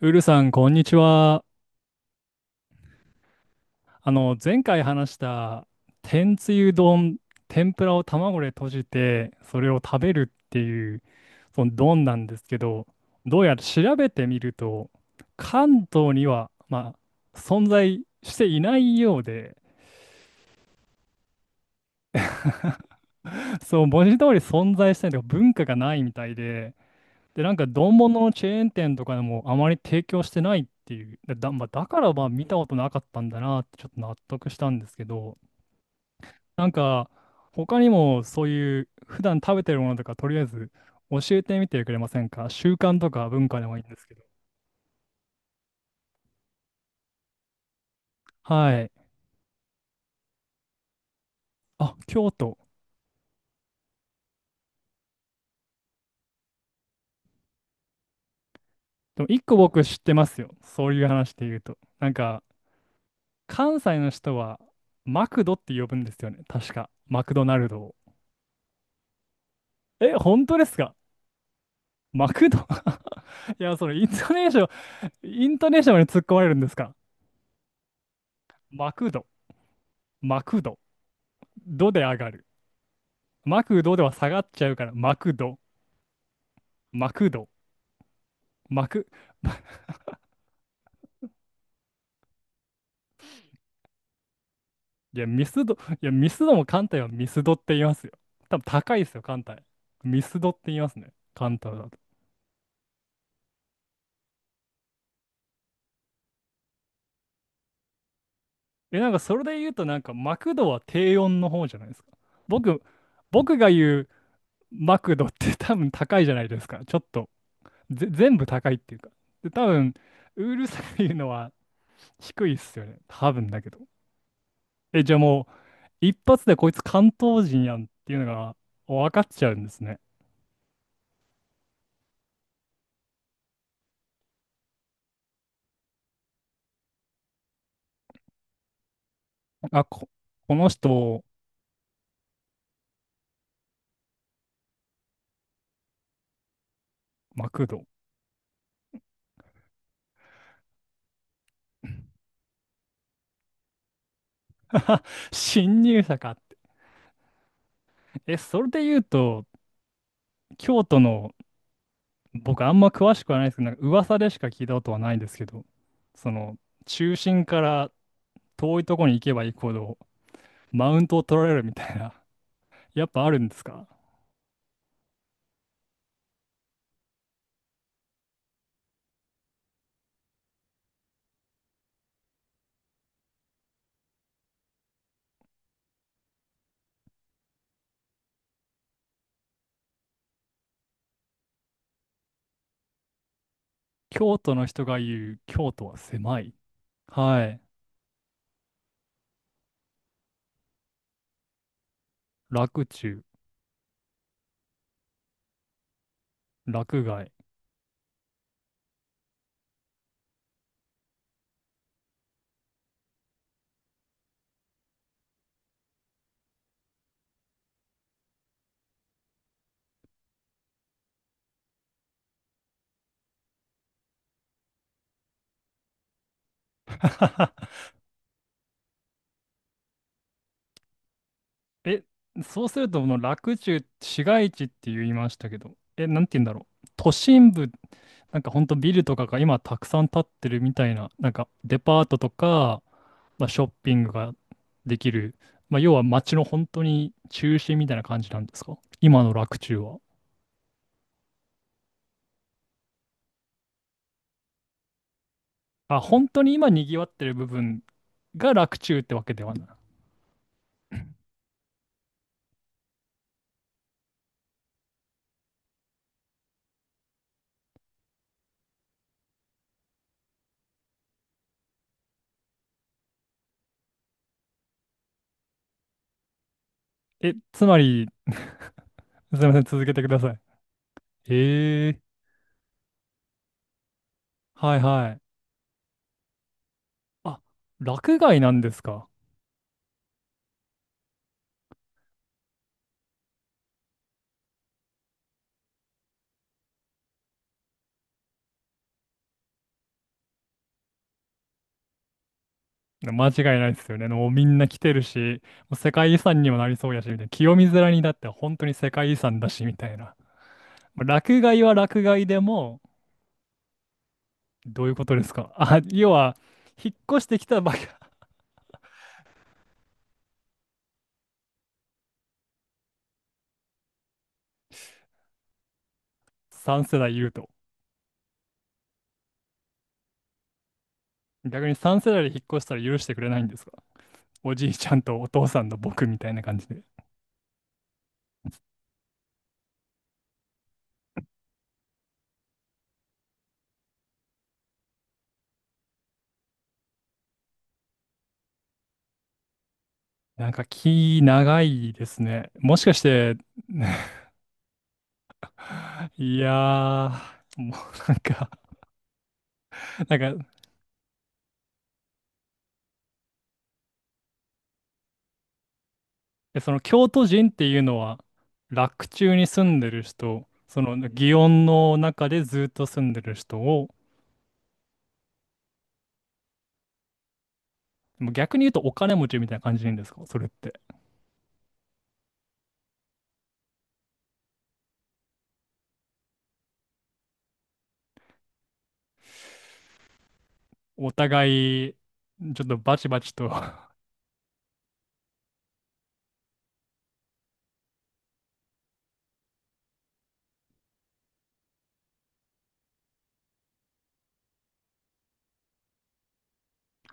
ウルさん、こんにちは。前回話した、天つゆ丼、天ぷらを卵で閉じて、それを食べるっていう、その丼なんですけど、どうやら調べてみると、関東には、まあ、存在していないようで、そう、文字通り存在してないというか、文化がないみたいで、で、なんか、丼物のチェーン店とかでも、あまり提供してないっていう、だまあだから、まあ、見たことなかったんだなって、ちょっと納得したんですけど、なんか、他にもそういう普段食べてるものとか、とりあえず教えてみてくれませんか？習慣とか文化でもいいんですけど。はい。あ、京都。でも一個僕知ってますよ。そういう話で言うと。なんか、関西の人はマクドって呼ぶんですよね。確か。マクドナルドを。え、本当ですか？マクド。 いや、それイントネーション、イントネーションまで突っ込まれるんですか？マクド、マクド、ドで上がる。マクドでは下がっちゃうから、マクド、マクド。幕。いや、ミスド、いや、ミスドも関西はミスドって言いますよ。多分高いですよ、関西。ミスドって言いますね、関東だと。え、なんかそれで言うと、なんかマクドは低温の方じゃないですか。僕、僕が言うマクドって、 多分高いじゃないですか。ちょっと、全部高いっていうか。で、多分、ウールさんが言うのは低いっすよね。多分だけど。え、じゃあもう、一発でこいつ関東人やんっていうのが分かっちゃうんですね。あ、こ、この人、マクド。新入社かって。え、それで言うと、京都の、僕あんま詳しくはないですけど、なんか噂でしか聞いたことはないんですけど、その、中心から遠いとこに行けば行くほど、マウントを取られるみたいな、やっぱあるんですか？京都の人が言う京都は狭い。はい。洛中、洛外。え、そうすると、この洛中、市街地って言いましたけど、え、なんて言うんだろう。都心部、なんかほんとビルとかが今たくさん建ってるみたいな、なんかデパートとか、まあ、ショッピングができる、まあ、要は街の本当に中心みたいな感じなんですか？今の洛中は。あ、本当に今賑わってる部分が洛中ってわけではない。え、つまり、すみません、続けてください。ええ、はいはい。あ、落外なんですか。間違いないですよね。もうみんな来てるし、もう世界遺産にもなりそうやし、みたいな。清水寺にだって本当に世界遺産だし、みたいな。ま落外は落外でも、どういうことですか？あ、要は、引っ越してきたばか、3世代いると。逆に3世代で引っ越したら許してくれないんですか？おじいちゃんとお父さんの僕みたいな感じで。なんか気長いですね。もしかして、いやー、もうなんか、なんか、え、その京都人っていうのは、洛中に住んでる人、その祇園の中でずっと住んでる人を、もう逆に言うとお金持ちみたいな感じでいいんですか？それって。お互い、ちょっとバチバチと、 は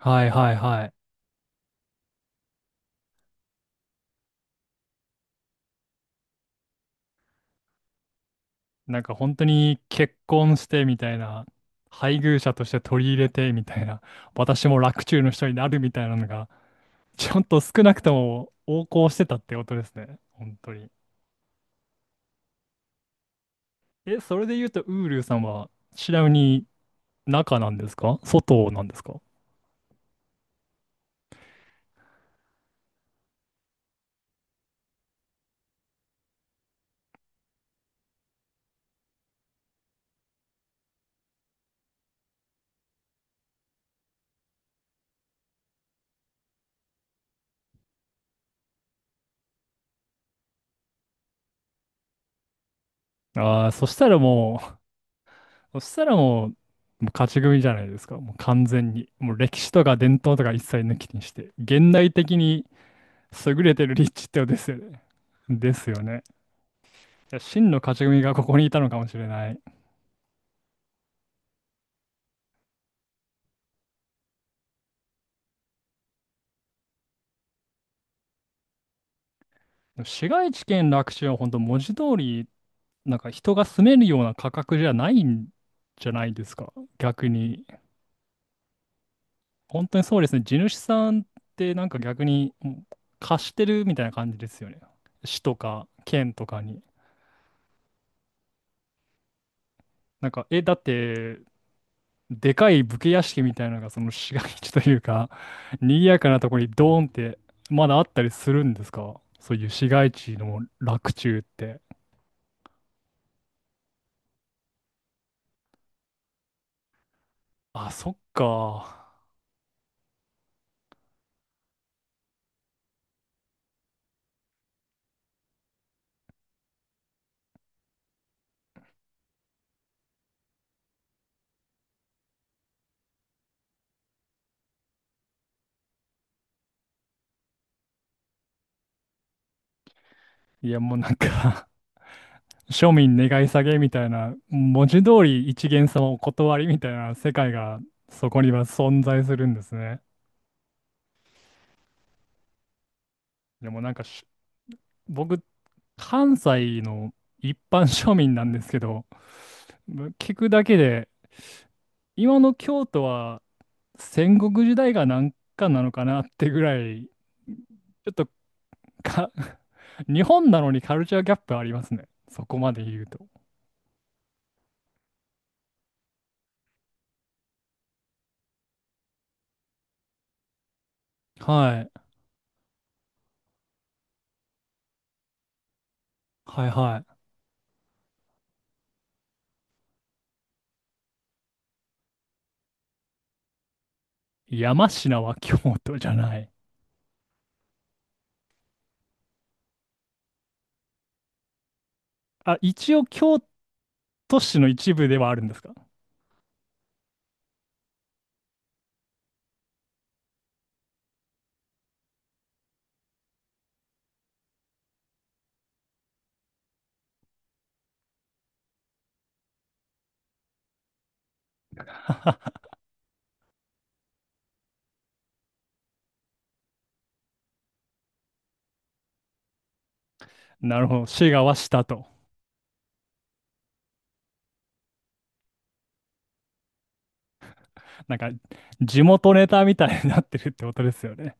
いはいはい。なんか本当に結婚してみたいな、配偶者として取り入れてみたいな、私も洛中の人になるみたいなのが、ちゃんと少なくとも横行してたってことですね。本当に。え、それで言うと、ウールーさんは、ちなみに中なんですか？外なんですか？ああー、そしたらもう、もう勝ち組じゃないですか。もう完全に。もう歴史とか伝統とか一切抜きにして。現代的に優れてる立地ってことですよね。ですよね。いや真の勝ち組がここにいたのかもしれない。市街地圏楽地は本当文字通り、なんか人が住めるような価格じゃないんじゃないですか。逆に。本当にそうですね。地主さんってなんか逆にうん貸してるみたいな感じですよね。市とか県とかに。なんか、え、だって、でかい武家屋敷みたいなのがその市街地というか、賑やかなとこにドーンってまだあったりするんですか？そういう市街地の洛中って。あ、そっか。いや、もうなんか、 庶民願い下げみたいな、文字通り一元様お断りみたいな世界がそこには存在するんですね。でもなんか僕、関西の一般庶民なんですけど、聞くだけで、今の京都は戦国時代がなんかなのかなってぐらい、ちょっとか、 日本なのにカルチャーギャップありますね。そこまで言うと。はい。はいはい。山科は京都じゃない。あ、一応京都市の一部ではあるんですか？なるほど。滋賀は下と。なんか、地元ネタみたいになってるってことですよね。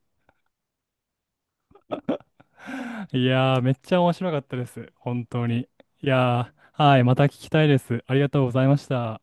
いやー、めっちゃ面白かったです。本当に。いやー、はい。また聞きたいです。ありがとうございました。